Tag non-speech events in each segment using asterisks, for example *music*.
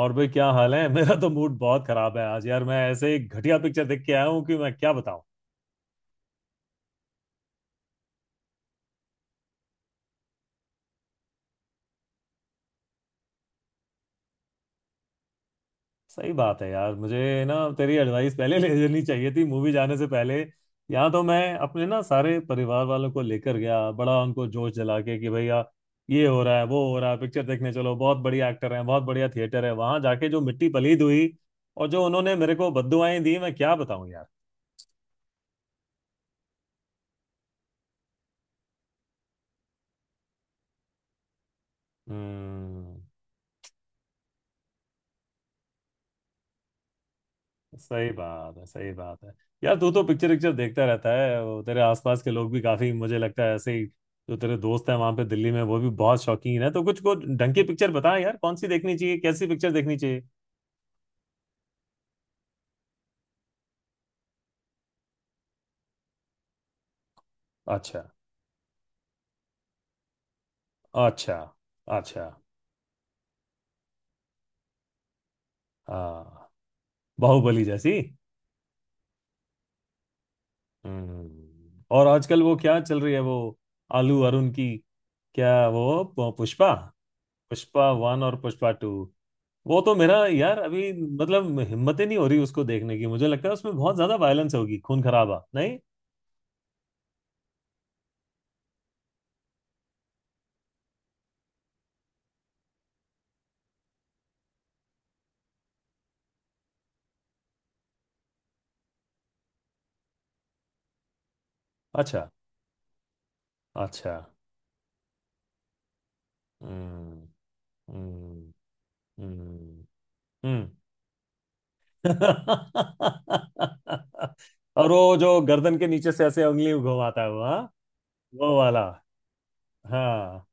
और भाई, क्या हाल है? *laughs* मेरा तो मूड बहुत खराब है आज यार। मैं ऐसे एक घटिया पिक्चर देख के आया हूँ कि मैं क्या बताऊँ। सही बात है यार। मुझे ना तेरी एडवाइस पहले ले लेनी चाहिए थी मूवी जाने से पहले। या तो मैं अपने ना सारे परिवार वालों को लेकर गया, बड़ा उनको जोश जला के कि भैया ये हो रहा है, वो हो रहा है, पिक्चर देखने चलो, बहुत बढ़िया एक्टर है, बहुत बढ़िया थिएटर है। वहां जाके जो मिट्टी पलीद हुई और जो उन्होंने मेरे को बददुआएं दी, मैं क्या बताऊं यार। हम्म। सही बात है, सही बात है। यार तू तो पिक्चर पिक्चर देखता रहता है, वो तेरे आसपास के लोग भी काफी, मुझे लगता है, ऐसे ही। जो तेरे दोस्त हैं वहां पे दिल्ली में, वो भी बहुत शौकीन है। तो कुछ को ढंग की पिक्चर बता यार, कौन सी देखनी चाहिए, कैसी पिक्चर देखनी चाहिए। अच्छा। अच्छा। अच्छा। हाँ। बाहुबली जैसी। हम्म। और आजकल वो क्या चल रही है, वो आलू अरुण की, क्या वो, पुष्पा? पुष्पा वन और पुष्पा टू। वो तो मेरा यार अभी मतलब हिम्मत ही नहीं हो रही उसको देखने की। मुझे लगता है उसमें बहुत ज्यादा वायलेंस होगी, खून खराबा, नहीं। अच्छा। अच्छा। हम्म। हम्म। हम्म। हम्म। *laughs* और वो जो गर्दन के नीचे से ऐसे उंगली घुमाता है वो, हाँ। वो वाला। हाँ।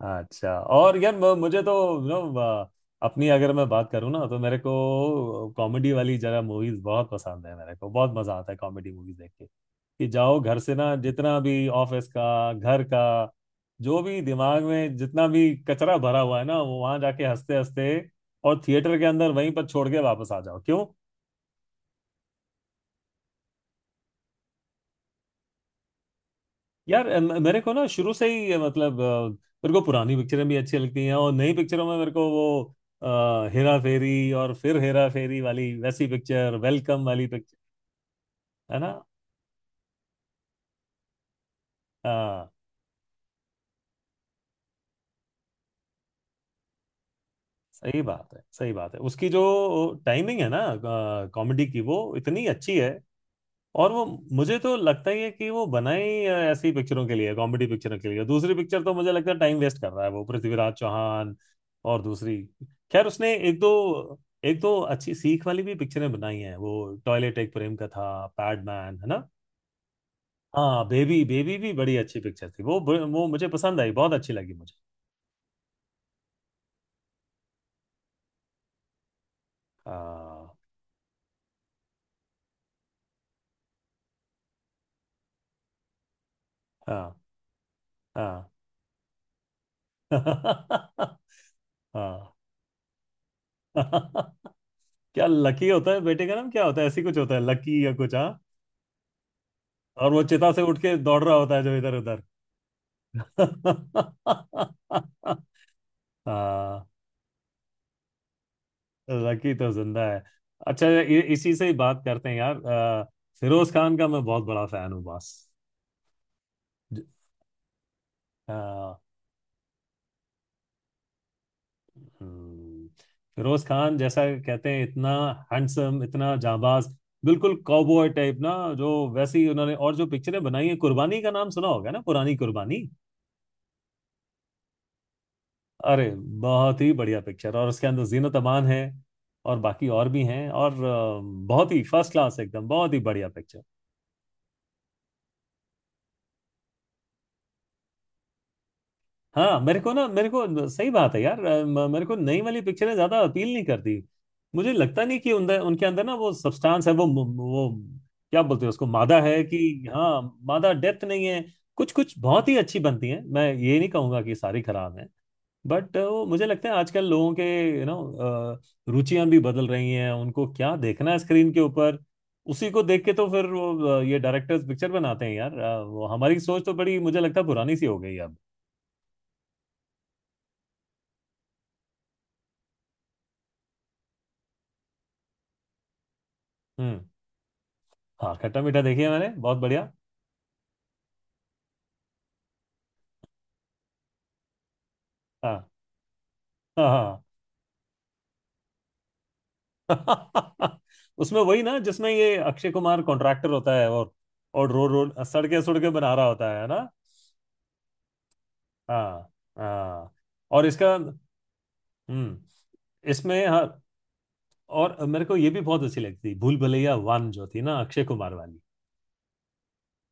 अच्छा। और यार मुझे तो। नो। अपनी अगर मैं बात करूँ ना, तो मेरे को कॉमेडी वाली जरा मूवीज बहुत पसंद है। मेरे को बहुत मजा आता है कॉमेडी मूवीज देख के। कि जाओ घर से ना, जितना भी ऑफिस का, घर का, जो भी दिमाग में जितना भी कचरा भरा हुआ है ना, वो वहां जाके हंसते हंसते और थिएटर के अंदर वहीं पर छोड़ के वापस आ जाओ, क्यों? यार मेरे को ना शुरू से ही, मतलब, मेरे को पुरानी पिक्चरें भी अच्छी लगती हैं, और नई पिक्चरों में मेरे को वो हेरा फेरी और फिर हेरा फेरी वाली, वैसी पिक्चर, वेलकम वाली पिक्चर। है ना? आ, सही बात है, सही बात है। उसकी जो टाइमिंग है ना, कॉमेडी की, वो इतनी अच्छी है। और वो, मुझे तो लगता ही है कि वो बनाई ऐसी पिक्चरों के लिए, कॉमेडी पिक्चरों के लिए। दूसरी पिक्चर तो मुझे लगता है टाइम वेस्ट कर रहा है वो पृथ्वीराज चौहान। और दूसरी, खैर उसने एक दो अच्छी सीख वाली भी पिक्चरें बनाई हैं वो, टॉयलेट एक प्रेम कथा, पैडमैन, है ना? हाँ, बेबी बेबी भी बड़ी अच्छी पिक्चर थी वो। वो मुझे पसंद आई, बहुत अच्छी लगी मुझे। हाँ, हाँ, हाँ। *laughs* हाँ। *laughs* क्या लकी होता है बेटे का नाम, क्या होता है, ऐसी कुछ होता है, लकी या कुछ, हाँ? और वो चिता से उठ के दौड़ रहा होता है जो इधर उधर। *laughs* हाँ, लकी तो जिंदा है। अच्छा, ये इसी से ही बात करते हैं यार। फिरोज खान का मैं बहुत बड़ा फैन हूँ बस। ज- अ, हम्म, फिरोज खान, जैसा कहते हैं, इतना हैंडसम, इतना जाबाज, बिल्कुल कॉबॉय टाइप ना, जो वैसे ही उन्होंने, और जो पिक्चरें बनाई है, कुर्बानी का नाम सुना होगा ना, पुरानी कुर्बानी। अरे, बहुत ही बढ़िया पिक्चर, और उसके अंदर जीनत अमान है, और बाकी और भी हैं, और बहुत ही फर्स्ट क्लास, एकदम बहुत ही बढ़िया पिक्चर। हाँ, मेरे को ना, मेरे को, सही बात है यार। मेरे को नई वाली पिक्चरें ज्यादा अपील नहीं करती। मुझे लगता नहीं कि उनके उनके अंदर ना वो सब्सटेंस है, वो क्या बोलते हैं उसको, मादा है कि। हाँ, मादा, डेप्थ नहीं है। कुछ कुछ बहुत ही अच्छी बनती है, मैं ये नहीं कहूंगा कि सारी खराब है। बट वो मुझे लगता है आजकल लोगों के यू नो रुचियां भी बदल रही हैं, उनको क्या देखना है स्क्रीन के ऊपर, उसी को देख के तो फिर वो ये डायरेक्टर्स पिक्चर बनाते हैं यार। वो हमारी सोच तो बड़ी, मुझे लगता है, पुरानी सी हो गई अब। हम्म। हाँ, खट्टा मीठा देखी है मैंने, बहुत बढ़िया। हाँ, हाँ, हाँ। *laughs* उसमें वही ना जिसमें ये अक्षय कुमार कॉन्ट्रैक्टर होता है, और रो रो सड़के सड़के बना रहा होता है ना। हाँ, हाँ। और इसका, हम्म, इसमें, हाँ। और मेरे को ये भी बहुत अच्छी लगती, भूल भुलैया वन जो थी ना, अक्षय कुमार वाली।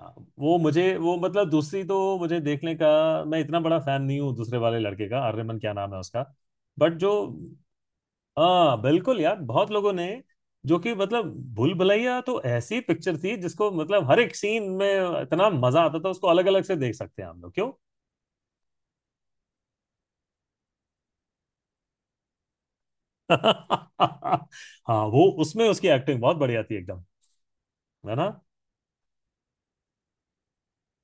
हाँ, वो मुझे वो मतलब दूसरी तो मुझे देखने का, मैं इतना बड़ा फैन नहीं हूँ दूसरे वाले लड़के का, आर्यमन क्या नाम है उसका। बट जो, हाँ, बिल्कुल यार, बहुत लोगों ने, जो कि मतलब भूल भुलैया तो ऐसी पिक्चर थी जिसको मतलब हर एक सीन में इतना मजा आता था, उसको अलग अलग से देख सकते हैं हम लोग, क्यों? *laughs* हाँ, वो उसमें उसकी एक्टिंग बहुत बढ़िया थी एकदम। है ना?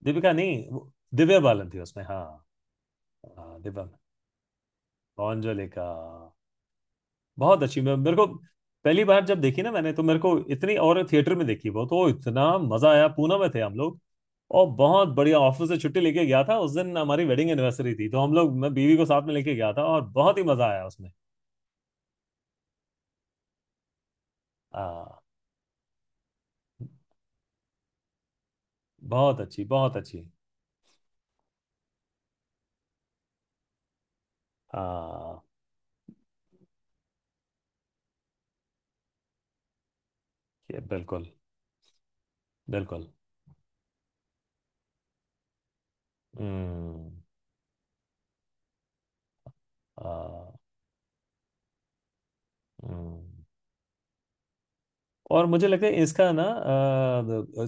दीपिका नहीं, दिव्या बालन थी उसमें, हाँ। हाँ, दिव्या। कॉन्जरिंग। बहुत अच्छी। मैं, मेरे को पहली बार जब देखी ना मैंने, तो मेरे को इतनी, और थिएटर में देखी वो तो इतना मजा आया, पूना में थे हम लोग। और बहुत बढ़िया, ऑफिस से छुट्टी लेके गया था उस दिन, हमारी वेडिंग एनिवर्सरी थी, तो हम लोग, मैं बीवी को साथ में लेके गया था, और बहुत ही मजा आया उसमें। आ, बहुत अच्छी, बहुत अच्छी। आ, ये बिल्कुल, बिल्कुल। हम्म। आ, हम्म। और मुझे लगता है इसका ना,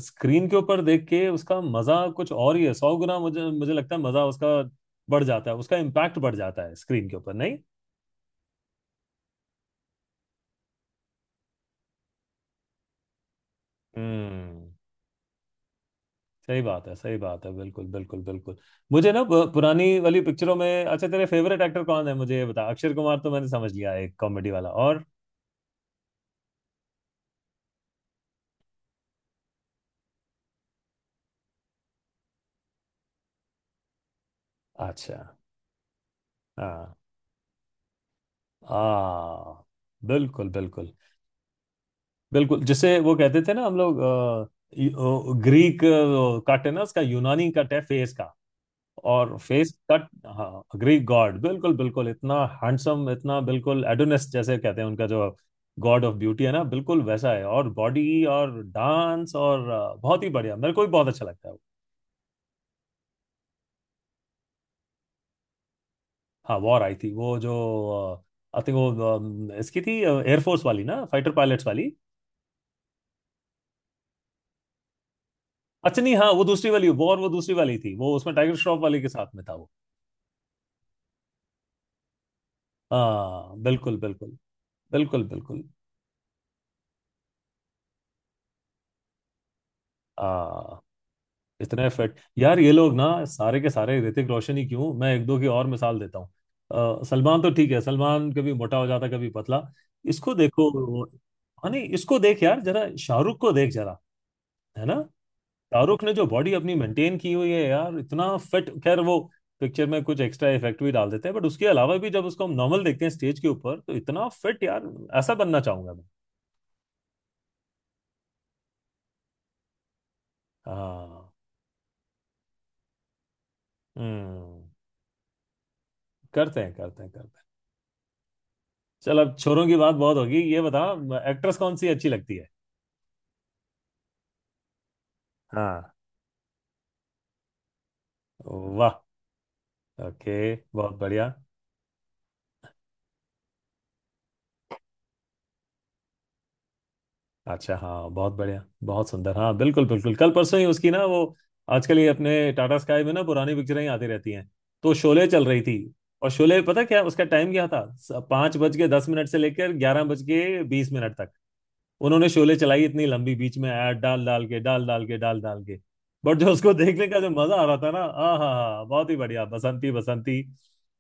स्क्रीन के ऊपर देख के उसका मजा कुछ और ही है, 100 गुना, मुझे मुझे लगता है मजा उसका बढ़ जाता है, उसका इम्पैक्ट बढ़ जाता है स्क्रीन के ऊपर, नहीं। हम्म। सही बात है, सही बात है, बिल्कुल, बिल्कुल, बिल्कुल। मुझे ना पुरानी वाली पिक्चरों में, अच्छा, तेरे फेवरेट एक्टर कौन है मुझे ये बता, अक्षय कुमार तो मैंने समझ लिया एक कॉमेडी वाला, और, अच्छा, हाँ, आ बिल्कुल, बिल्कुल, बिल्कुल। जिसे वो कहते थे ना हम लोग, ग्रीक कट है ना उसका, यूनानी कट है फेस का, और फेस कट। हाँ, ग्रीक गॉड, बिल्कुल, बिल्कुल, इतना हैंडसम, इतना बिल्कुल एडोनिस जैसे कहते हैं उनका, जो गॉड ऑफ ब्यूटी है ना, बिल्कुल वैसा है, और बॉडी, और डांस, और बहुत ही बढ़िया। मेरे को भी बहुत अच्छा लगता है वो। हाँ, वॉर आई थी वो जो, आई थिंक वो, इसकी थी एयरफोर्स वाली ना, फाइटर पायलट्स वाली। अच्छा नहीं, हाँ वो दूसरी वाली वॉर, वो दूसरी वाली थी वो, उसमें टाइगर श्रॉफ वाली के साथ में था वो। हाँ, बिल्कुल, बिल्कुल। बिल्कुल, बिल्कुल। आ, इतने फिट यार ये लोग ना, सारे के सारे, ऋतिक रोशन ही क्यों, मैं एक दो की और मिसाल देता हूँ। सलमान तो ठीक है, सलमान कभी मोटा हो जाता, कभी पतला। इसको देखो, हाँ, नहीं, इसको देख यार जरा, शाहरुख को देख जरा। है ना? शाहरुख ने जो बॉडी अपनी मेंटेन की हुई है यार, इतना फिट, खैर वो पिक्चर में कुछ एक्स्ट्रा इफेक्ट भी डाल देते हैं, बट उसके अलावा भी जब उसको हम नॉर्मल देखते हैं स्टेज के ऊपर, तो इतना फिट यार। ऐसा बनना चाहूंगा मैं। हाँ। हम्म। करते हैं, करते हैं, करते हैं। चल, अब छोरों की बात बहुत होगी, ये बता एक्ट्रेस कौन सी अच्छी लगती है? हाँ। वाह। ओके। बहुत बढ़िया। अच्छा, हाँ, बहुत बढ़िया, बहुत सुंदर, हाँ, बिल्कुल, बिल्कुल, कल परसों ही उसकी ना, वो, आजकल ये अपने टाटा स्काई में ना पुरानी पिक्चरें ही आती रहती हैं, तो शोले चल रही थी। और शोले, पता क्या उसका टाइम क्या था? 5:10 से लेकर 11:20 तक उन्होंने शोले चलाई, इतनी लंबी, बीच में ऐड डाल डाल के, डाल डाल के, डाल डाल के। बट जो उसको देखने का जो मजा आ रहा था ना, आ हा हा, बहुत ही बढ़िया, बसंती बसंती,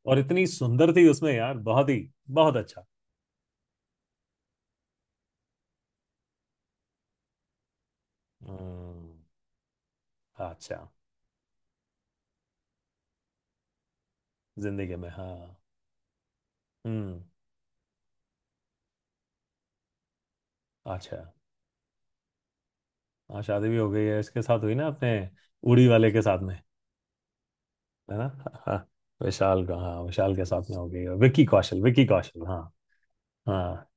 और इतनी सुंदर थी उसमें यार, बहुत ही। बहुत अच्छा। हम्म। अच्छा। जिंदगी में, हाँ। हम्म। अच्छा। हाँ, शादी भी हो गई है, इसके साथ हुई ना अपने, उड़ी वाले के साथ में। है ना? हाँ, हाँ, विशाल का, हाँ विशाल के साथ में हो गई है, विक्की कौशल, विक्की कौशल, हाँ। हाँ,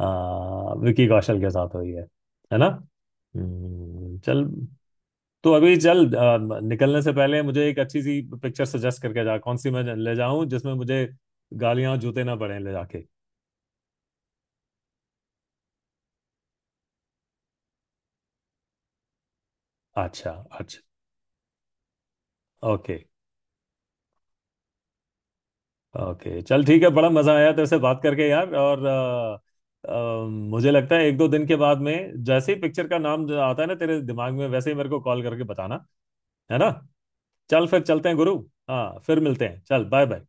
हाँ, विकी कौशल के साथ हुई है। है ना? चल। तो अभी चल, निकलने से पहले मुझे एक अच्छी सी पिक्चर सजेस्ट करके जा, कौन सी मैं ले जाऊं जिसमें मुझे गालियां जूते ना पड़े ले जाके। अच्छा, अच्छा, ओके, ओके। चल ठीक है, बड़ा मजा आया तेरे से बात करके यार, और अ, मुझे लगता है एक दो दिन के बाद में जैसे ही पिक्चर का नाम जो आता है ना तेरे दिमाग में, वैसे ही मेरे को कॉल करके बताना। है ना? चल फिर चलते हैं गुरु। हाँ, फिर मिलते हैं, चल बाय बाय।